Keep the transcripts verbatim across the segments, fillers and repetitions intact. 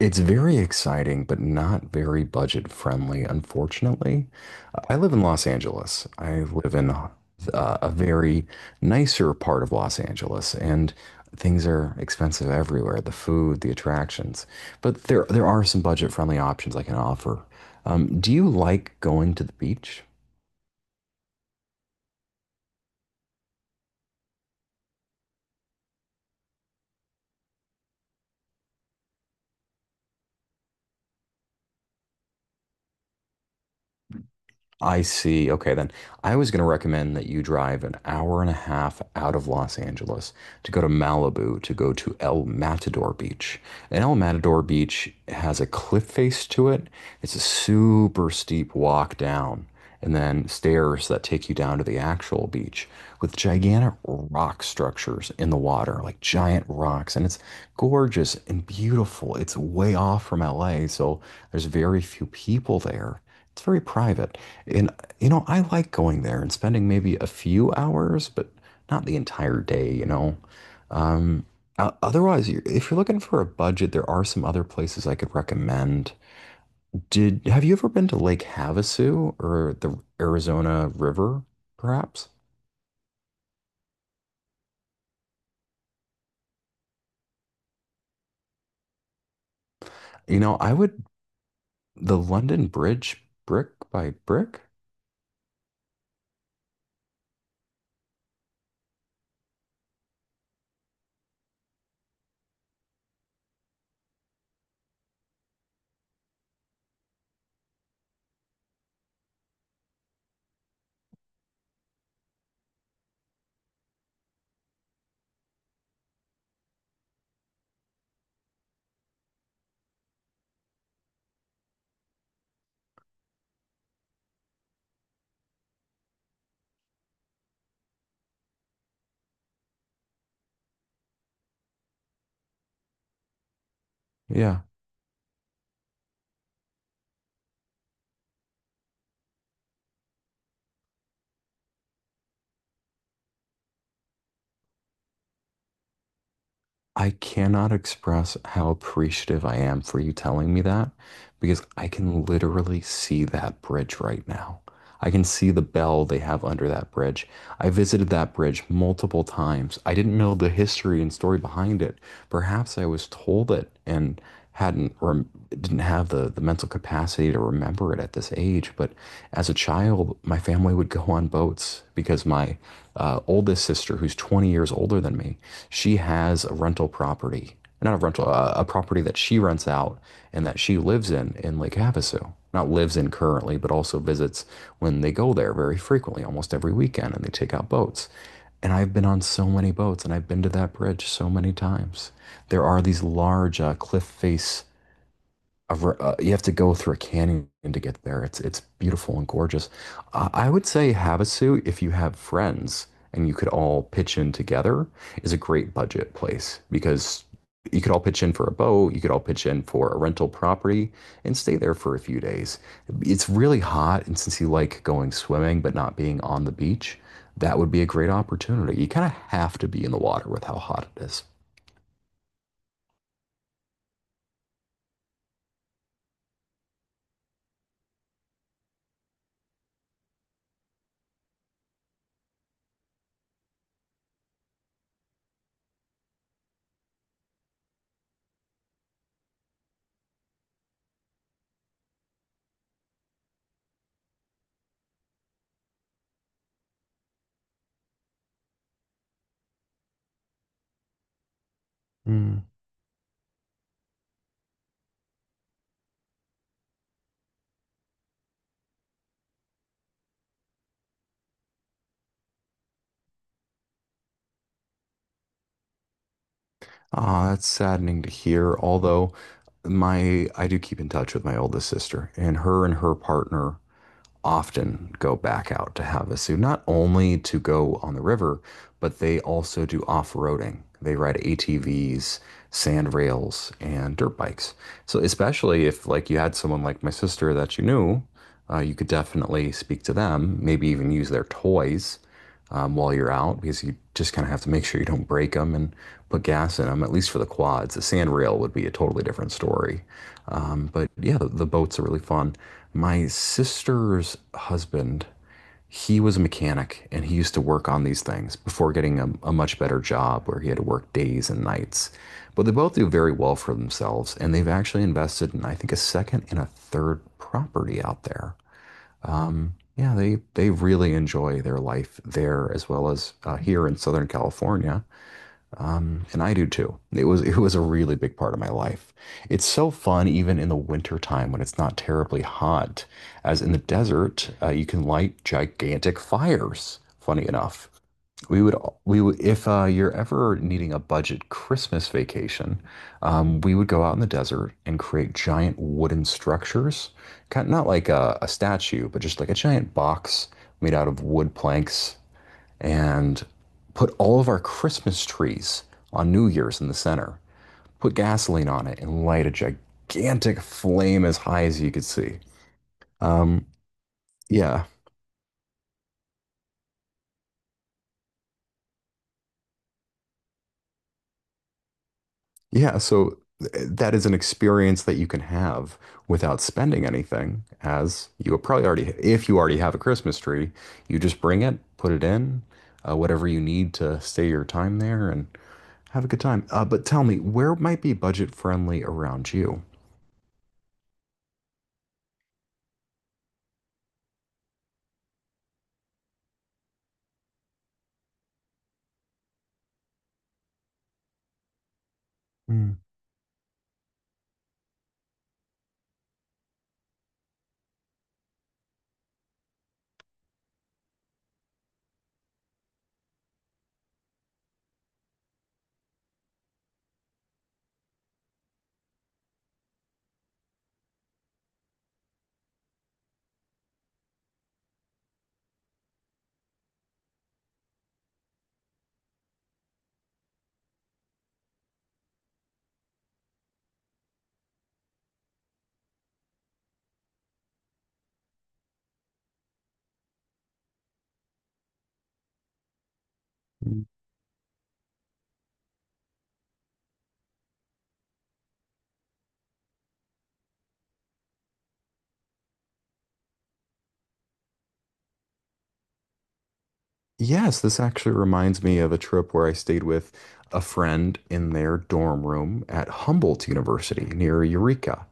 It's very exciting, but not very budget friendly, unfortunately. I live in Los Angeles. I live in uh, a very nicer part of Los Angeles, and things are expensive everywhere, the food, the attractions. But there there are some budget friendly options I can offer. Um, do you like going to the beach? I see. Okay, then I was going to recommend that you drive an hour and a half out of Los Angeles to go to Malibu to go to El Matador Beach. And El Matador Beach has a cliff face to it. It's a super steep walk down and then stairs that take you down to the actual beach with gigantic rock structures in the water, like giant rocks. And it's gorgeous and beautiful. It's way off from L A, so there's very few people there. It's very private. And you know, I like going there and spending maybe a few hours, but not the entire day, you know. Um, o- otherwise, you- if you're looking for a budget, there are some other places I could recommend. Did have you ever been to Lake Havasu or the Arizona River, perhaps? You know, I would the London Bridge, brick by brick. Yeah. I cannot express how appreciative I am for you telling me that because I can literally see that bridge right now. I can see the bell they have under that bridge. I visited that bridge multiple times. I didn't know the history and story behind it. Perhaps I was told it and hadn't rem- didn't have the the mental capacity to remember it at this age. But as a child, my family would go on boats because my uh, oldest sister, who's twenty years older than me, she has a rental property, not a rental, uh, a property that she rents out and that she lives in in Lake Havasu. Not lives in currently, but also visits when they go there very frequently, almost every weekend, and they take out boats. And I've been on so many boats and I've been to that bridge so many times there are these large uh, cliff face of, uh, you have to go through a canyon to get there. It's it's beautiful and gorgeous. Uh, I would say Havasu, if you have friends and you could all pitch in together, is a great budget place because you could all pitch in for a boat, you could all pitch in for a rental property and stay there for a few days. It's really hot, and since you like going swimming but not being on the beach, that would be a great opportunity. You kind of have to be in the water with how hot it is. Hmm. Ah, that's saddening to hear. Although my I do keep in touch with my oldest sister, and her and her partner often go back out to Havasu, not only to go on the river, but they also do off-roading. They ride A T Vs, sand rails, and dirt bikes. So especially if like you had someone like my sister that you knew, uh, you could definitely speak to them, maybe even use their toys um, while you're out because you just kind of have to make sure you don't break them and put gas in them, at least for the quads. The sand rail would be a totally different story. Um, but yeah, the, the boats are really fun. My sister's husband, he was a mechanic and he used to work on these things before getting a, a much better job where he had to work days and nights. But they both do very well for themselves and they've actually invested in, I think, a second and a third property out there. Yeah, they they really enjoy their life there as well as uh, here in Southern California, and I do too. It was it was a really big part of my life. It's so fun even in the winter time when it's not terribly hot, as in the desert, uh, you can light gigantic fires, funny enough, we would we would if uh, you're ever needing a budget Christmas vacation, um, we would go out in the desert and create giant wooden structures, kind of not like a, a statue, but just like a giant box made out of wood planks, and put all of our Christmas trees on New Year's in the center. Put gasoline on it and light a gigantic flame as high as you could see. Um, yeah, Yeah, so th- that is an experience that you can have without spending anything, as you will probably already, if you already have a Christmas tree, you just bring it, put it in, uh, whatever you need to stay your time there and have a good time. Uh, but tell me, where might be budget friendly around you? Mm. Yes, this actually reminds me of a trip where I stayed with a friend in their dorm room at Humboldt University near Eureka,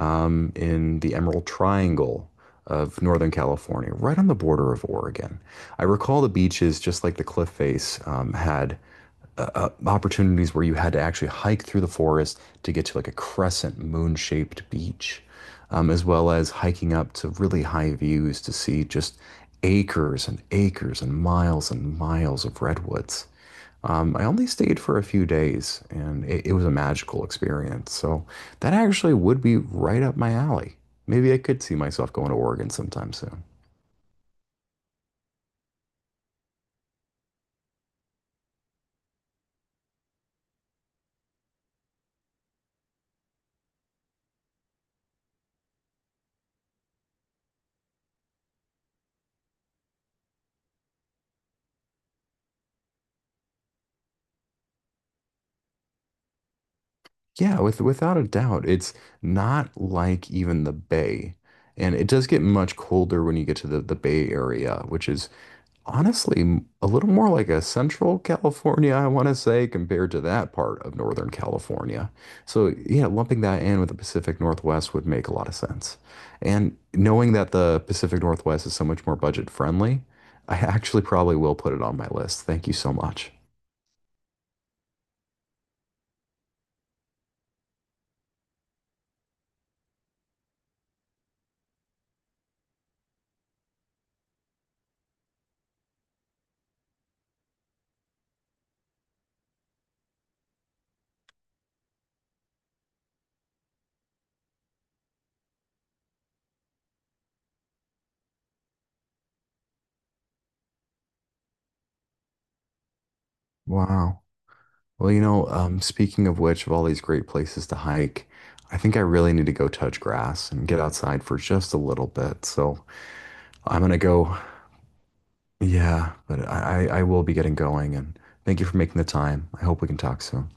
um, in the Emerald Triangle of Northern California, right on the border of Oregon. I recall the beaches, just like the cliff face, um, had uh, uh, opportunities where you had to actually hike through the forest to get to like a crescent moon shaped beach, um, as well as hiking up to really high views to see just acres and acres and miles and miles of redwoods. Um, I only stayed for a few days and it, it was a magical experience. So that actually would be right up my alley. Maybe I could see myself going to Oregon sometime soon. Yeah, with without a doubt, it's not like even the Bay. And it does get much colder when you get to the, the Bay Area, which is honestly a little more like a Central California, I want to say, compared to that part of Northern California. So, yeah, lumping that in with the Pacific Northwest would make a lot of sense. And knowing that the Pacific Northwest is so much more budget friendly, I actually probably will put it on my list. Thank you so much. Wow. Well, you know, um, speaking of which, of all these great places to hike, I think I really need to go touch grass and get outside for just a little bit. So I'm gonna go yeah, but I, I I will be getting going and thank you for making the time. I hope we can talk soon.